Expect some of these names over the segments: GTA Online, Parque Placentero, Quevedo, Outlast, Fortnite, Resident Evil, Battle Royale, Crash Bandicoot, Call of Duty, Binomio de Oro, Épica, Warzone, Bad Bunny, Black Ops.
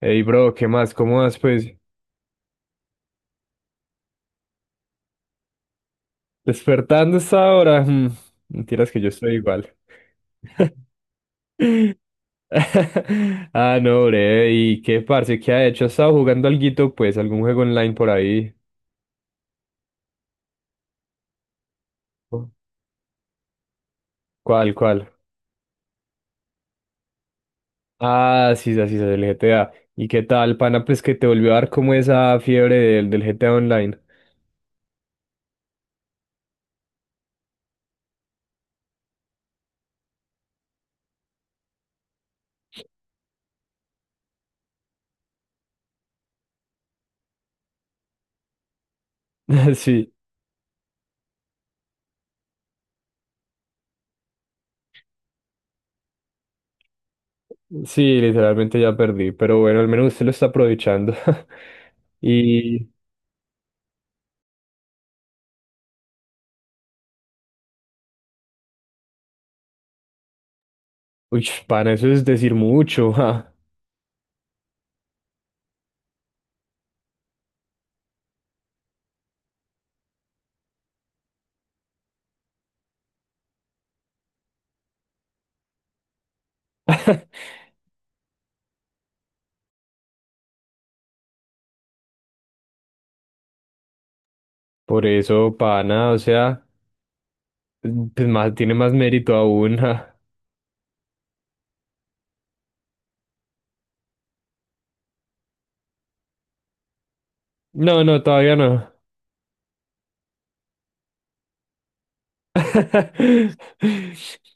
Ey, bro, ¿qué más? ¿Cómo vas, pues? Despertando esta hora. Mentiras que yo estoy igual. Ah, no, bre. ¿Y qué, parce? ¿Qué ha hecho? ¿Ha estado jugando alguito, pues? ¿Algún juego online por ahí? ¿Cuál, cuál? Ah, sí, sí, sí, el GTA. ¿Y qué tal, pana? Pues que te volvió a dar como esa fiebre del GTA Online. Sí, sí, literalmente ya perdí. Pero bueno, al menos usted lo está aprovechando. Y, uy, pana, eso es decir mucho. Por eso, pana, o sea, pues más, tiene más mérito aún. ja. No, no, todavía no.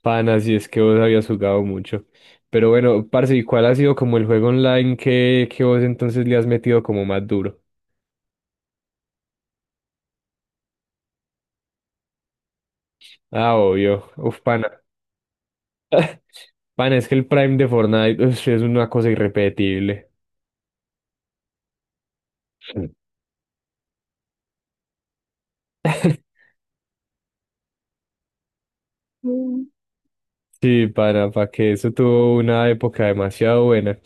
Pana, si es que vos habías jugado mucho. Pero bueno, parce, ¿y cuál ha sido como el juego online que vos entonces le has metido como más duro? Ah, obvio. Uf, pana. Pana, es que el Prime de Fortnite uf, es una cosa irrepetible. Mm. Sí, pana, para que eso tuvo una época demasiado buena.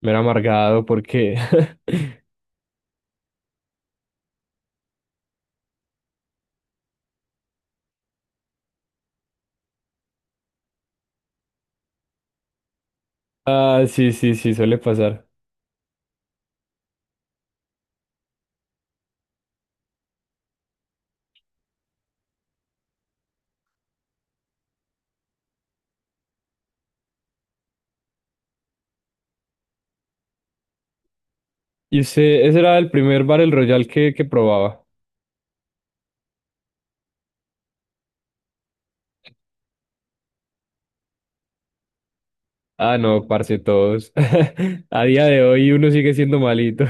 Me era amargado porque Ah, sí, sí, sí, suele pasar. Y usted, ese era el primer Battle Royale que probaba. Ah, no, parce, todos. A día de hoy uno sigue siendo malito.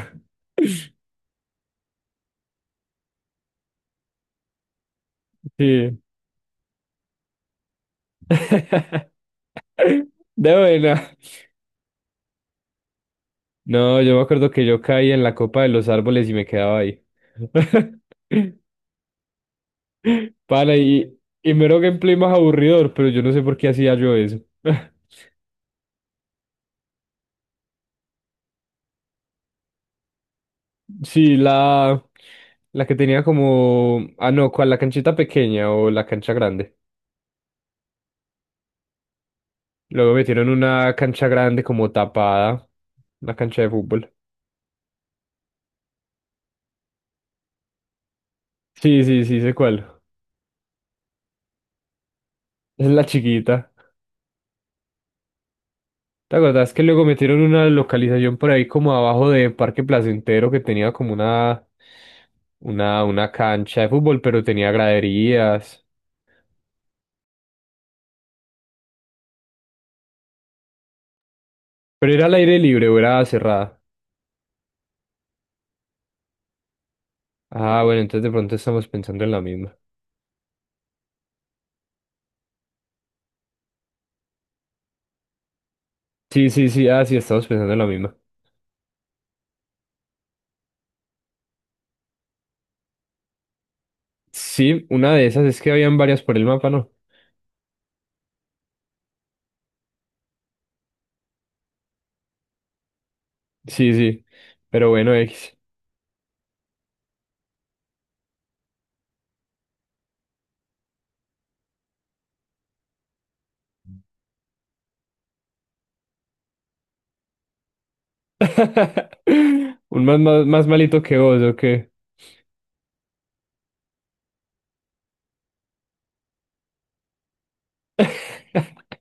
Sí. De buena. No, yo me acuerdo que yo caí en la copa de los árboles y me quedaba ahí. Para, y mero gameplay más aburridor, pero yo no sé por qué hacía yo eso. Sí, la que tenía como. Ah, no, ¿cuál? La canchita pequeña o la cancha grande. Luego metieron una cancha grande como tapada, una cancha de fútbol. Sí, sí, sí, sé cuál. Es la chiquita. ¿Te acordás que luego metieron una localización por ahí como abajo de Parque Placentero que tenía como una, una cancha de fútbol, pero tenía graderías? Pero era al aire libre o era cerrada. Ah, bueno, entonces de pronto estamos pensando en la misma. Sí, sí, sí, ah, sí, estamos pensando en la misma. Sí, una de esas es que habían varias por el mapa, ¿no? Sí, sí. Pero bueno, X. Un más malito que vos, ¿o qué?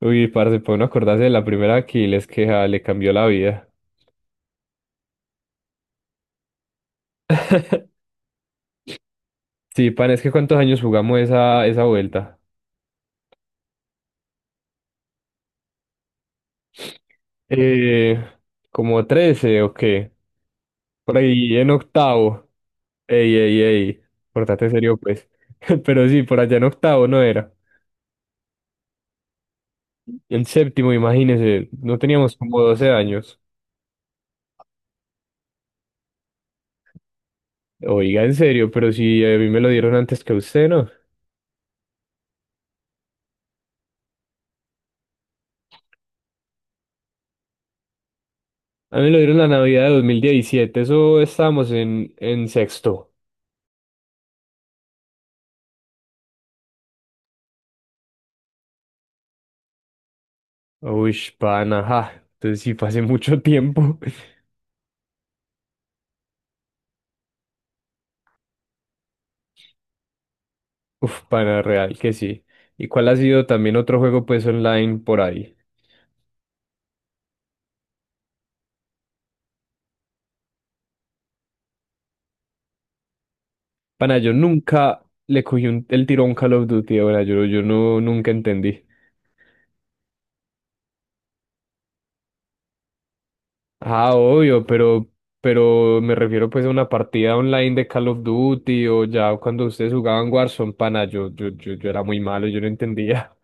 Uy, parce, para uno acordarse de la primera Aquiles que ja, le cambió la vida. Sí, pan, es que ¿cuántos años jugamos esa, esa vuelta? Eh, como 13 o qué. Por ahí en octavo. Ey, ey, ey. Portate serio, pues. Pero sí, por allá en octavo no era. En séptimo, imagínese, no teníamos como 12 años. Oiga, en serio, pero si a mí me lo dieron antes que a usted, ¿no? A mí me lo dieron la Navidad de 2017, eso estábamos en sexto. Uy, pana, ajá. Entonces sí, fue hace mucho tiempo. Uf, pana, real que sí. ¿Y cuál ha sido también otro juego pues online por ahí? Pana, yo nunca le cogí un- el tirón Call of Duty, ahora yo, yo no, nunca entendí. Ah, obvio, pero, me refiero pues a una partida online de Call of Duty o ya cuando ustedes jugaban Warzone, pana, yo era muy malo, yo no entendía.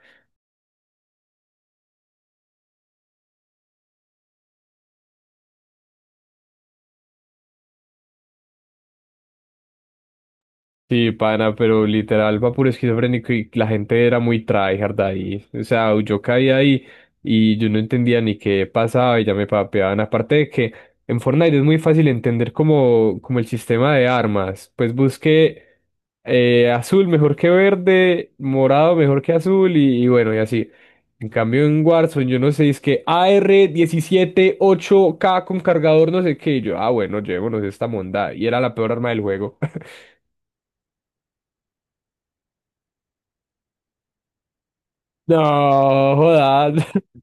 Sí, pana, pero literal va puro esquizofrénico y la gente era muy tryhard ahí. O sea, yo caía ahí y yo no entendía ni qué pasaba y ya me papeaban. Aparte de que en Fortnite es muy fácil entender como, como el sistema de armas. Pues busqué azul mejor que verde, morado mejor que azul y bueno, y así. En cambio en Warzone yo no sé, es que A R diecisiete ocho k con cargador no sé qué. Y yo, ah, bueno, llevémonos esta monda. Y era la peor arma del juego. No, jodas.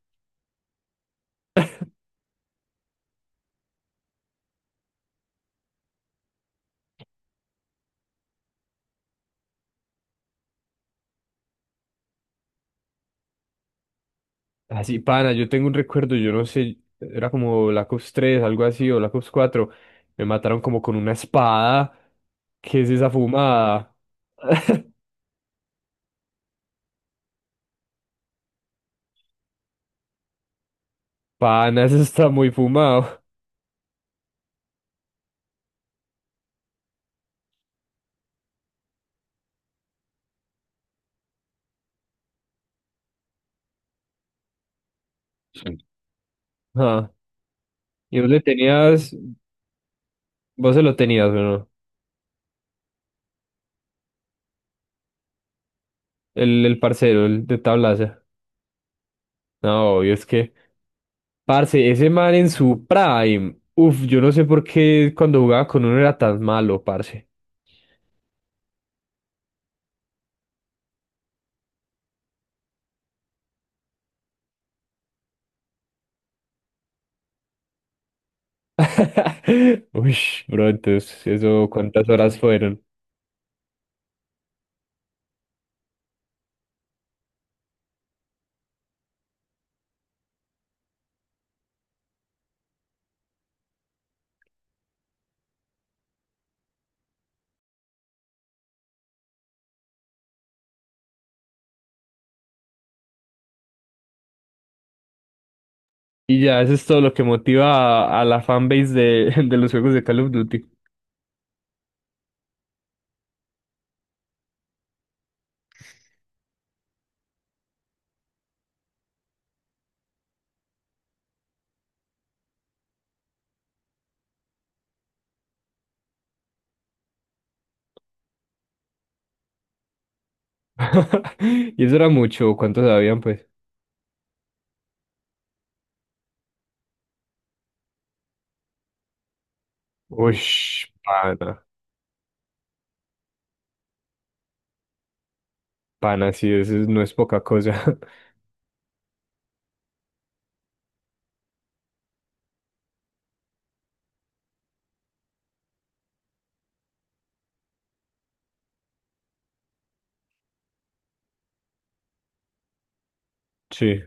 Así, pana, yo tengo un recuerdo, yo no sé, era como Black Ops 3, algo así, o Black Ops 4. Me mataron como con una espada. ¿Qué es esa fumada? Pana, eso está muy fumado. Sí. Ah, y vos le tenías, vos se lo tenías, bueno, el parcero, el de tablaza. No, obvio, es que, parce, ese man en su prime, uf, yo no sé por qué cuando jugaba con uno era tan malo, parce. Uy, bro, entonces, eso, ¿cuántas horas fueron? Y ya, eso es todo lo que motiva a la fanbase de, de los juegos de Call of Duty. Y eso era mucho, ¿cuántos habían, pues? Uy, pana, pana, sí, eso es- no es poca cosa. Sí.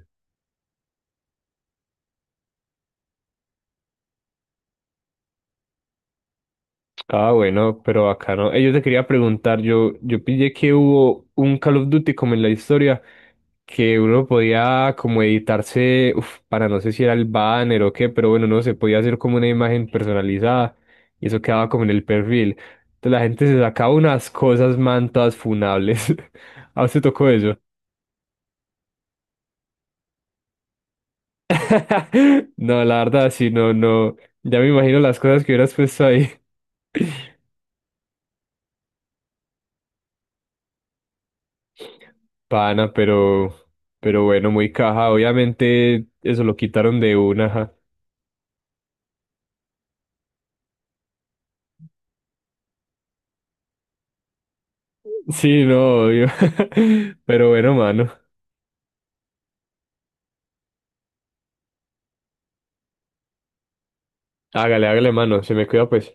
Ah, bueno, pero acá no. Yo te quería preguntar, yo pillé que hubo un Call of Duty como en la historia, que uno podía como editarse, uf, para no sé si era el banner o qué, pero bueno, no se podía hacer como una imagen personalizada y eso quedaba como en el perfil. Entonces la gente se sacaba unas cosas, man, todas funables. ¿A usted tocó eso? No, la verdad, sí, no, no. Ya me imagino las cosas que hubieras puesto ahí. Pana, pero, bueno, muy caja. Obviamente eso lo quitaron de una. Ajá. Sí, no, obvio. Pero bueno, mano. Hágale, hágale, mano. Se me cuida, pues.